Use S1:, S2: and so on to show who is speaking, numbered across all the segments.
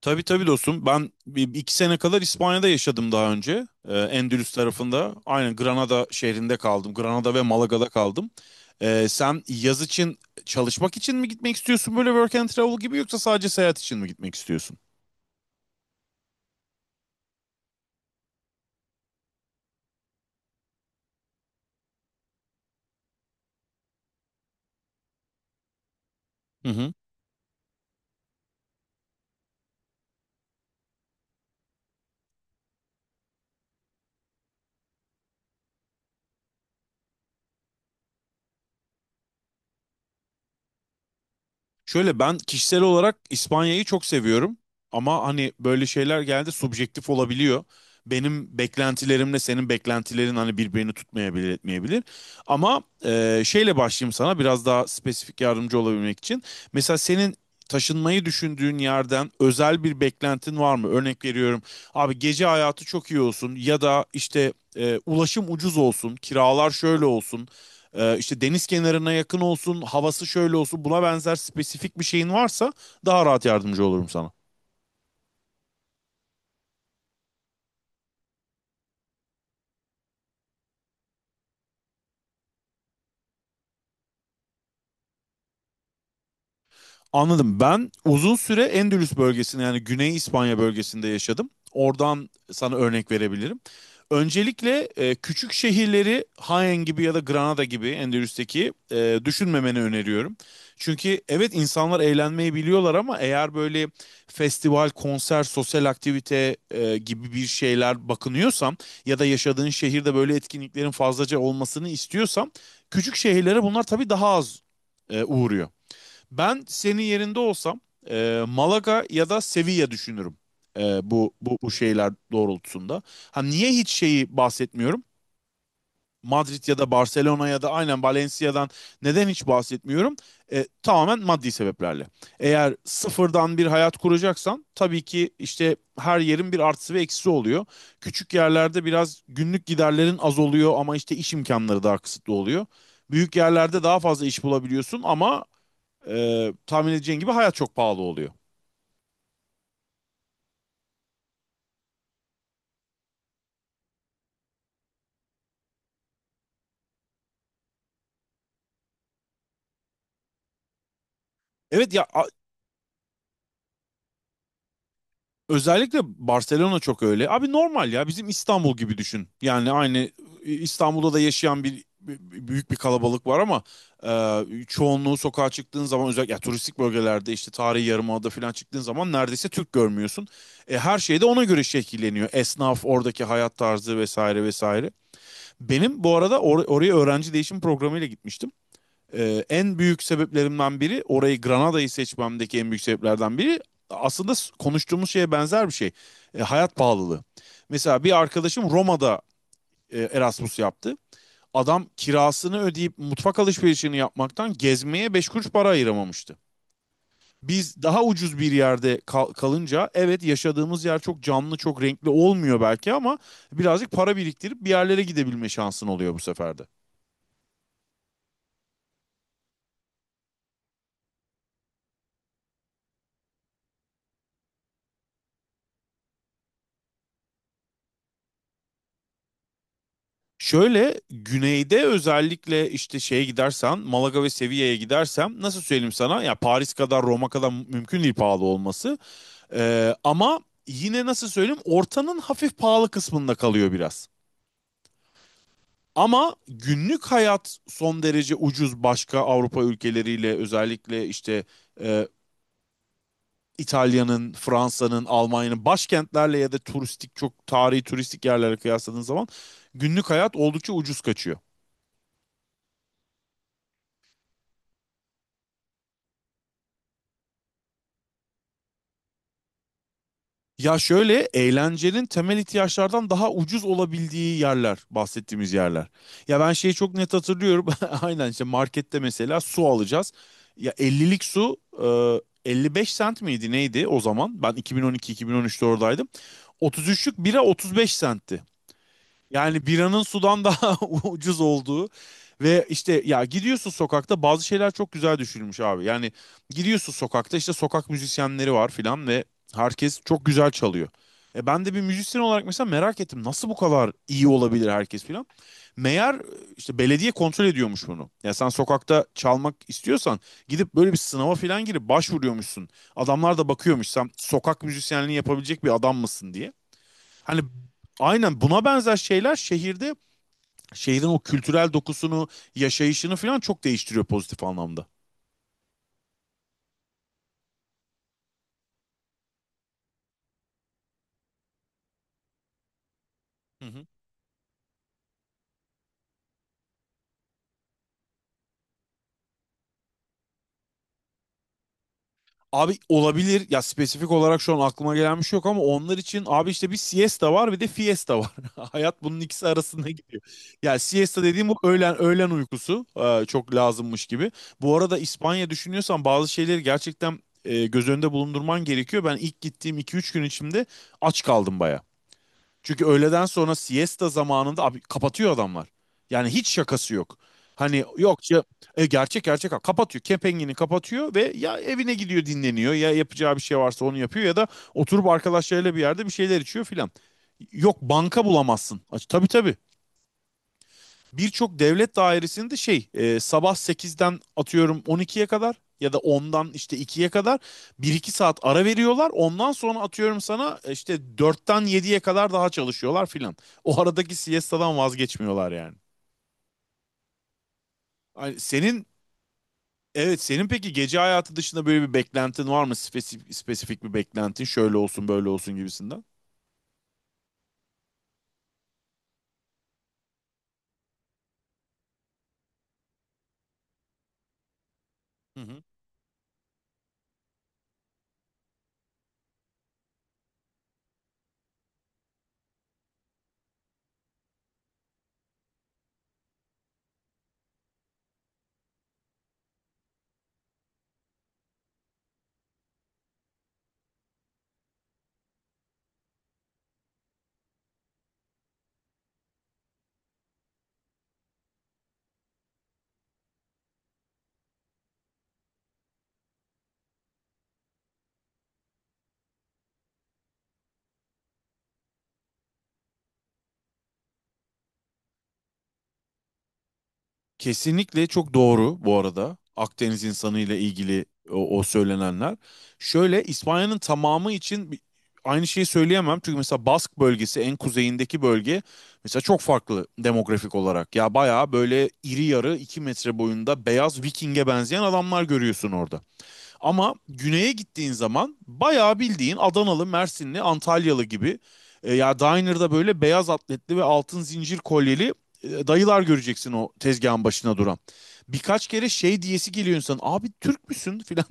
S1: Tabii tabii, dostum. Ben 2 sene kadar İspanya'da yaşadım daha önce. Endülüs tarafında. Aynen Granada şehrinde kaldım. Granada ve Malaga'da kaldım. Sen yaz için, çalışmak için mi gitmek istiyorsun, böyle work and travel gibi, yoksa sadece seyahat için mi gitmek istiyorsun? Şöyle, ben kişisel olarak İspanya'yı çok seviyorum ama hani böyle şeyler geldi, subjektif olabiliyor. Benim beklentilerimle senin beklentilerin hani birbirini tutmayabilir, etmeyebilir. Ama şeyle başlayayım sana biraz daha spesifik yardımcı olabilmek için. Mesela senin taşınmayı düşündüğün yerden özel bir beklentin var mı? Örnek veriyorum, abi gece hayatı çok iyi olsun ya da işte ulaşım ucuz olsun, kiralar şöyle olsun, işte deniz kenarına yakın olsun, havası şöyle olsun, buna benzer spesifik bir şeyin varsa daha rahat yardımcı olurum sana. Anladım. Ben uzun süre Endülüs bölgesinde, yani Güney İspanya bölgesinde yaşadım. Oradan sana örnek verebilirim. Öncelikle küçük şehirleri, Jaén gibi ya da Granada gibi Endülüs'teki, düşünmemeni öneriyorum. Çünkü evet, insanlar eğlenmeyi biliyorlar ama eğer böyle festival, konser, sosyal aktivite gibi bir şeyler bakınıyorsam ya da yaşadığın şehirde böyle etkinliklerin fazlaca olmasını istiyorsam, küçük şehirlere bunlar tabii daha az uğruyor. Ben senin yerinde olsam Malaga ya da Sevilla düşünürüm. Bu şeyler doğrultusunda. Ha, niye hiç şeyi bahsetmiyorum? Madrid ya da Barcelona ya da aynen Valencia'dan neden hiç bahsetmiyorum? Tamamen maddi sebeplerle. Eğer sıfırdan bir hayat kuracaksan, tabii ki işte her yerin bir artısı ve eksisi oluyor. Küçük yerlerde biraz günlük giderlerin az oluyor ama işte iş imkanları daha kısıtlı oluyor. Büyük yerlerde daha fazla iş bulabiliyorsun ama tahmin edeceğin gibi hayat çok pahalı oluyor. Evet ya a- Özellikle Barcelona çok öyle. Abi normal ya, bizim İstanbul gibi düşün. Yani aynı, İstanbul'da da yaşayan büyük bir kalabalık var ama çoğunluğu sokağa çıktığın zaman, özellikle ya, turistik bölgelerde işte, tarihi yarımada falan çıktığın zaman neredeyse Türk görmüyorsun. Her şey de ona göre şekilleniyor. Esnaf, oradaki hayat tarzı, vesaire vesaire. Benim bu arada oraya öğrenci değişim programıyla gitmiştim. En büyük sebeplerimden biri, orayı Granada'yı seçmemdeki en büyük sebeplerden biri, aslında konuştuğumuz şeye benzer bir şey. Hayat pahalılığı. Mesela bir arkadaşım Roma'da Erasmus yaptı. Adam kirasını ödeyip mutfak alışverişini yapmaktan gezmeye beş kuruş para ayıramamıştı. Biz daha ucuz bir yerde kalınca, evet, yaşadığımız yer çok canlı, çok renkli olmuyor belki ama birazcık para biriktirip bir yerlere gidebilme şansın oluyor bu sefer de. Şöyle, güneyde özellikle, işte şeye gidersen, Malaga ve Sevilla'ya gidersem, nasıl söyleyeyim sana, ya Paris kadar, Roma kadar mümkün değil pahalı olması. Ama yine nasıl söyleyeyim, ortanın hafif pahalı kısmında kalıyor biraz. Ama günlük hayat son derece ucuz başka Avrupa ülkeleriyle, özellikle işte e, İtalya'nın, Fransa'nın, Almanya'nın başkentlerle ya da turistik, çok tarihi turistik yerlere kıyasladığın zaman günlük hayat oldukça ucuz kaçıyor. Ya şöyle, eğlencenin temel ihtiyaçlardan daha ucuz olabildiği yerler bahsettiğimiz yerler. Ya ben şeyi çok net hatırlıyorum. Aynen, işte markette mesela su alacağız. Ya 50'lik su 55 sent miydi neydi o zaman? Ben 2012-2013'te oradaydım. 33'lük bira 35 sentti. Yani biranın sudan daha ucuz olduğu ve işte, ya gidiyorsun sokakta, bazı şeyler çok güzel düşünülmüş abi. Yani gidiyorsun sokakta, işte sokak müzisyenleri var filan ve herkes çok güzel çalıyor. E, ben de bir müzisyen olarak mesela merak ettim, nasıl bu kadar iyi olabilir herkes filan. Meğer işte belediye kontrol ediyormuş bunu. Ya sen sokakta çalmak istiyorsan, gidip böyle bir sınava filan girip başvuruyormuşsun. Adamlar da bakıyormuş, sen sokak müzisyenliği yapabilecek bir adam mısın diye. Hani aynen buna benzer şeyler şehirde, şehrin o kültürel dokusunu, yaşayışını falan çok değiştiriyor pozitif anlamda. Hı hı. Abi olabilir ya, spesifik olarak şu an aklıma gelen bir şey yok ama onlar için abi, işte bir siesta var bir de fiesta var. Hayat bunun ikisi arasında gidiyor. Ya siesta dediğim bu öğlen öğlen uykusu çok lazımmış gibi. Bu arada, İspanya düşünüyorsan bazı şeyleri gerçekten göz önünde bulundurman gerekiyor. Ben ilk gittiğim 2-3 gün içinde aç kaldım bayağı. Çünkü öğleden sonra siesta zamanında abi kapatıyor adamlar. Yani hiç şakası yok. Hani yok ya- Gerçek gerçek kapatıyor. Kepengen'i kapatıyor ve ya evine gidiyor dinleniyor, ya yapacağı bir şey varsa onu yapıyor, ya da oturup arkadaşlarıyla bir yerde bir şeyler içiyor filan. Yok, banka bulamazsın. Tabii tabii, birçok devlet dairesinde şey, sabah 8'den atıyorum 12'ye kadar ya da ondan işte 2'ye kadar 1-2 saat ara veriyorlar. Ondan sonra atıyorum sana işte 4'ten 7'ye kadar daha çalışıyorlar filan. O aradaki siestadan vazgeçmiyorlar yani. Ay, senin Evet, senin peki gece hayatı dışında böyle bir beklentin var mı? Spesifik, bir beklentin, şöyle olsun böyle olsun gibisinden. Hı hı. Kesinlikle çok doğru bu arada, Akdeniz insanıyla ilgili o söylenenler. Şöyle, İspanya'nın tamamı için aynı şeyi söyleyemem. Çünkü mesela Bask bölgesi, en kuzeyindeki bölge mesela, çok farklı demografik olarak. Ya bayağı böyle iri yarı, 2 metre boyunda, beyaz Viking'e benzeyen adamlar görüyorsun orada. Ama güneye gittiğin zaman bayağı bildiğin Adanalı, Mersinli, Antalyalı gibi, ya diner'da böyle beyaz atletli ve altın zincir kolyeli dayılar göreceksin o tezgahın başına duran. Birkaç kere şey diyesi geliyor insan, abi Türk müsün filan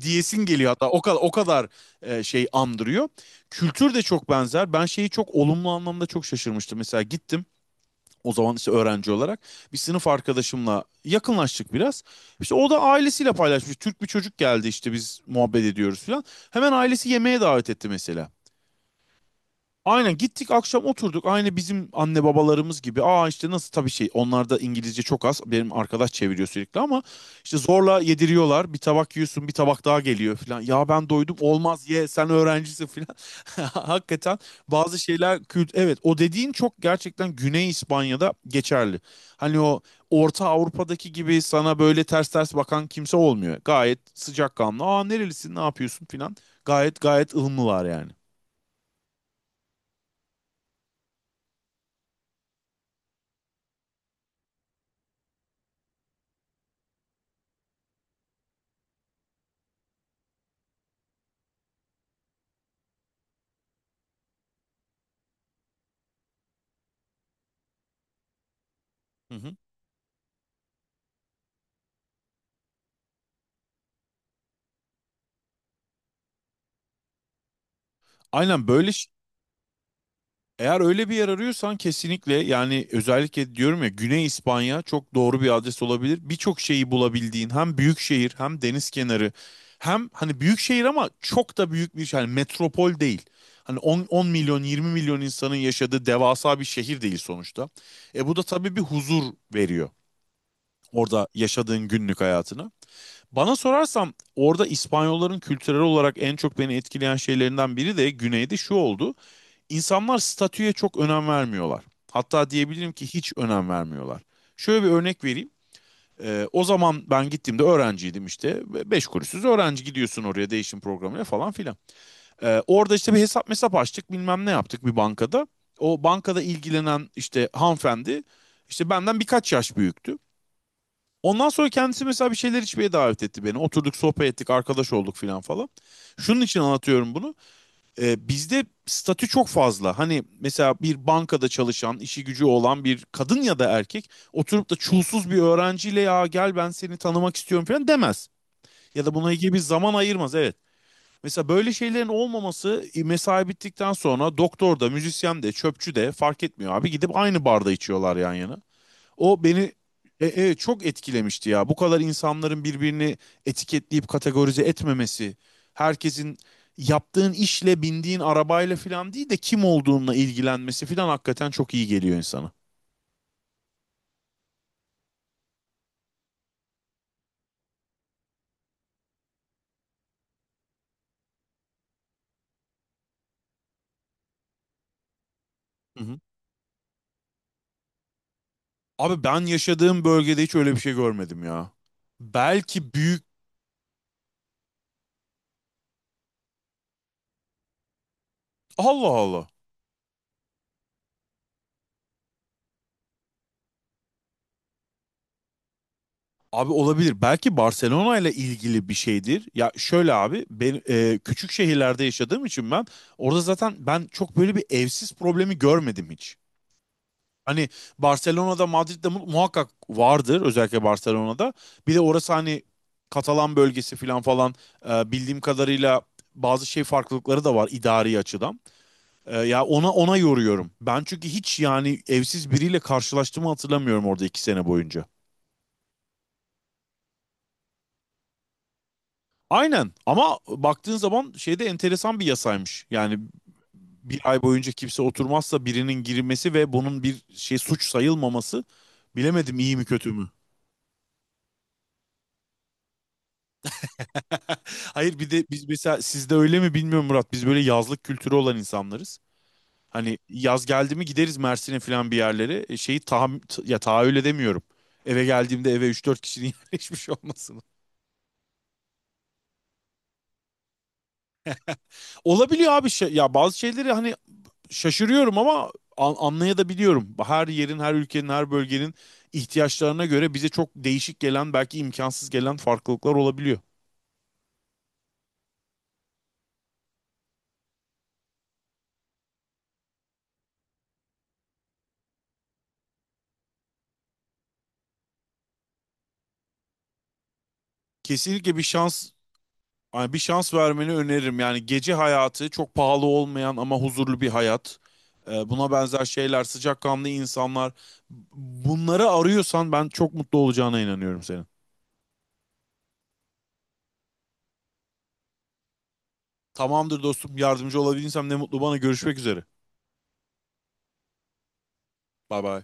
S1: diyesin geliyor, hatta o kadar, o kadar şey andırıyor. Kültür de çok benzer. Ben şeyi çok olumlu anlamda çok şaşırmıştım. Mesela gittim o zaman işte, öğrenci olarak bir sınıf arkadaşımla yakınlaştık biraz. İşte o da ailesiyle paylaşmış, Türk bir çocuk geldi işte biz muhabbet ediyoruz falan. Hemen ailesi yemeğe davet etti mesela. Aynen, gittik akşam oturduk aynı bizim anne babalarımız gibi. Aa, işte nasıl, tabii şey, onlarda İngilizce çok az. Benim arkadaş çeviriyor sürekli ama işte zorla yediriyorlar. Bir tabak yiyorsun, bir tabak daha geliyor falan. Ya ben doydum, olmaz ye, sen öğrencisin falan. Hakikaten bazı şeyler kült, evet, o dediğin çok gerçekten Güney İspanya'da geçerli. Hani o Orta Avrupa'daki gibi sana böyle ters ters bakan kimse olmuyor. Gayet sıcakkanlı. Aa nerelisin, ne yapıyorsun falan. Gayet gayet ılımlılar yani. Hı hı. Aynen, böyle, eğer öyle bir yer arıyorsan, kesinlikle, yani özellikle diyorum ya, Güney İspanya çok doğru bir adres olabilir. Birçok şeyi bulabildiğin, hem büyük şehir, hem deniz kenarı, hem hani büyük şehir ama çok da büyük bir şey, yani metropol değil. Hani 10 milyon 20 milyon insanın yaşadığı devasa bir şehir değil sonuçta. E, bu da tabii bir huzur veriyor orada yaşadığın günlük hayatına. Bana sorarsan, orada İspanyolların kültürel olarak en çok beni etkileyen şeylerinden biri de güneyde şu oldu: İnsanlar statüye çok önem vermiyorlar. Hatta diyebilirim ki hiç önem vermiyorlar. Şöyle bir örnek vereyim. O zaman ben gittiğimde öğrenciydim işte. Beş kuruşsuz öğrenci gidiyorsun oraya, değişim programına falan filan. Orada işte bir hesap mesap açtık, bilmem ne yaptık bir bankada. O bankada ilgilenen işte hanımefendi, işte benden birkaç yaş büyüktü. Ondan sonra kendisi mesela bir şeyler içmeye davet etti beni. Oturduk, sohbet ettik, arkadaş olduk filan falan. Şunun için anlatıyorum bunu. Bizde statü çok fazla. Hani mesela bir bankada çalışan, işi gücü olan bir kadın ya da erkek oturup da çulsuz bir öğrenciyle, ya gel ben seni tanımak istiyorum falan demez. Ya da buna ilgili bir zaman ayırmaz, evet. Mesela böyle şeylerin olmaması, mesai bittikten sonra doktor da, müzisyen de, çöpçü de fark etmiyor abi. Gidip aynı barda içiyorlar yan yana. O beni çok etkilemişti ya. Bu kadar insanların birbirini etiketleyip kategorize etmemesi, herkesin yaptığın işle, bindiğin arabayla falan değil de kim olduğunla ilgilenmesi falan, hakikaten çok iyi geliyor insana. Hı hı. Abi ben yaşadığım bölgede hiç öyle bir şey görmedim ya. Belki büyük... Allah Allah. Abi olabilir. Belki Barcelona ile ilgili bir şeydir. Ya şöyle abi, ben küçük şehirlerde yaşadığım için ben orada zaten, ben çok böyle bir evsiz problemi görmedim hiç. Hani Barcelona'da, Madrid'de muhakkak vardır, özellikle Barcelona'da. Bir de orası hani Katalan bölgesi falan falan, bildiğim kadarıyla bazı şey farklılıkları da var idari açıdan. Ya ona yoruyorum. Ben çünkü hiç, yani evsiz biriyle karşılaştığımı hatırlamıyorum orada 2 sene boyunca. Aynen, ama baktığın zaman şeyde, enteresan bir yasaymış. Yani bir ay boyunca kimse oturmazsa birinin girmesi ve bunun bir şey suç sayılmaması, bilemedim iyi mi kötü mü? Hayır, bir de biz mesela, sizde öyle mi bilmiyorum Murat, biz böyle yazlık kültürü olan insanlarız. Hani yaz geldi mi gideriz Mersin'e falan bir yerlere. Şeyi ya tahayyül edemiyorum. Eve geldiğimde eve 3-4 kişinin yerleşmiş olmasını. Olabiliyor abi şey, ya bazı şeyleri hani şaşırıyorum ama anlayabiliyorum. Her yerin, her ülkenin, her bölgenin ihtiyaçlarına göre bize çok değişik gelen, belki imkansız gelen farklılıklar olabiliyor. Kesinlikle bir şans, yani bir şans vermeni öneririm. Yani gece hayatı çok pahalı olmayan ama huzurlu bir hayat. Buna benzer şeyler, sıcakkanlı insanlar. Bunları arıyorsan ben çok mutlu olacağına inanıyorum senin. Tamamdır dostum, yardımcı olabilirsem ne mutlu bana. Görüşmek üzere. Bay bay.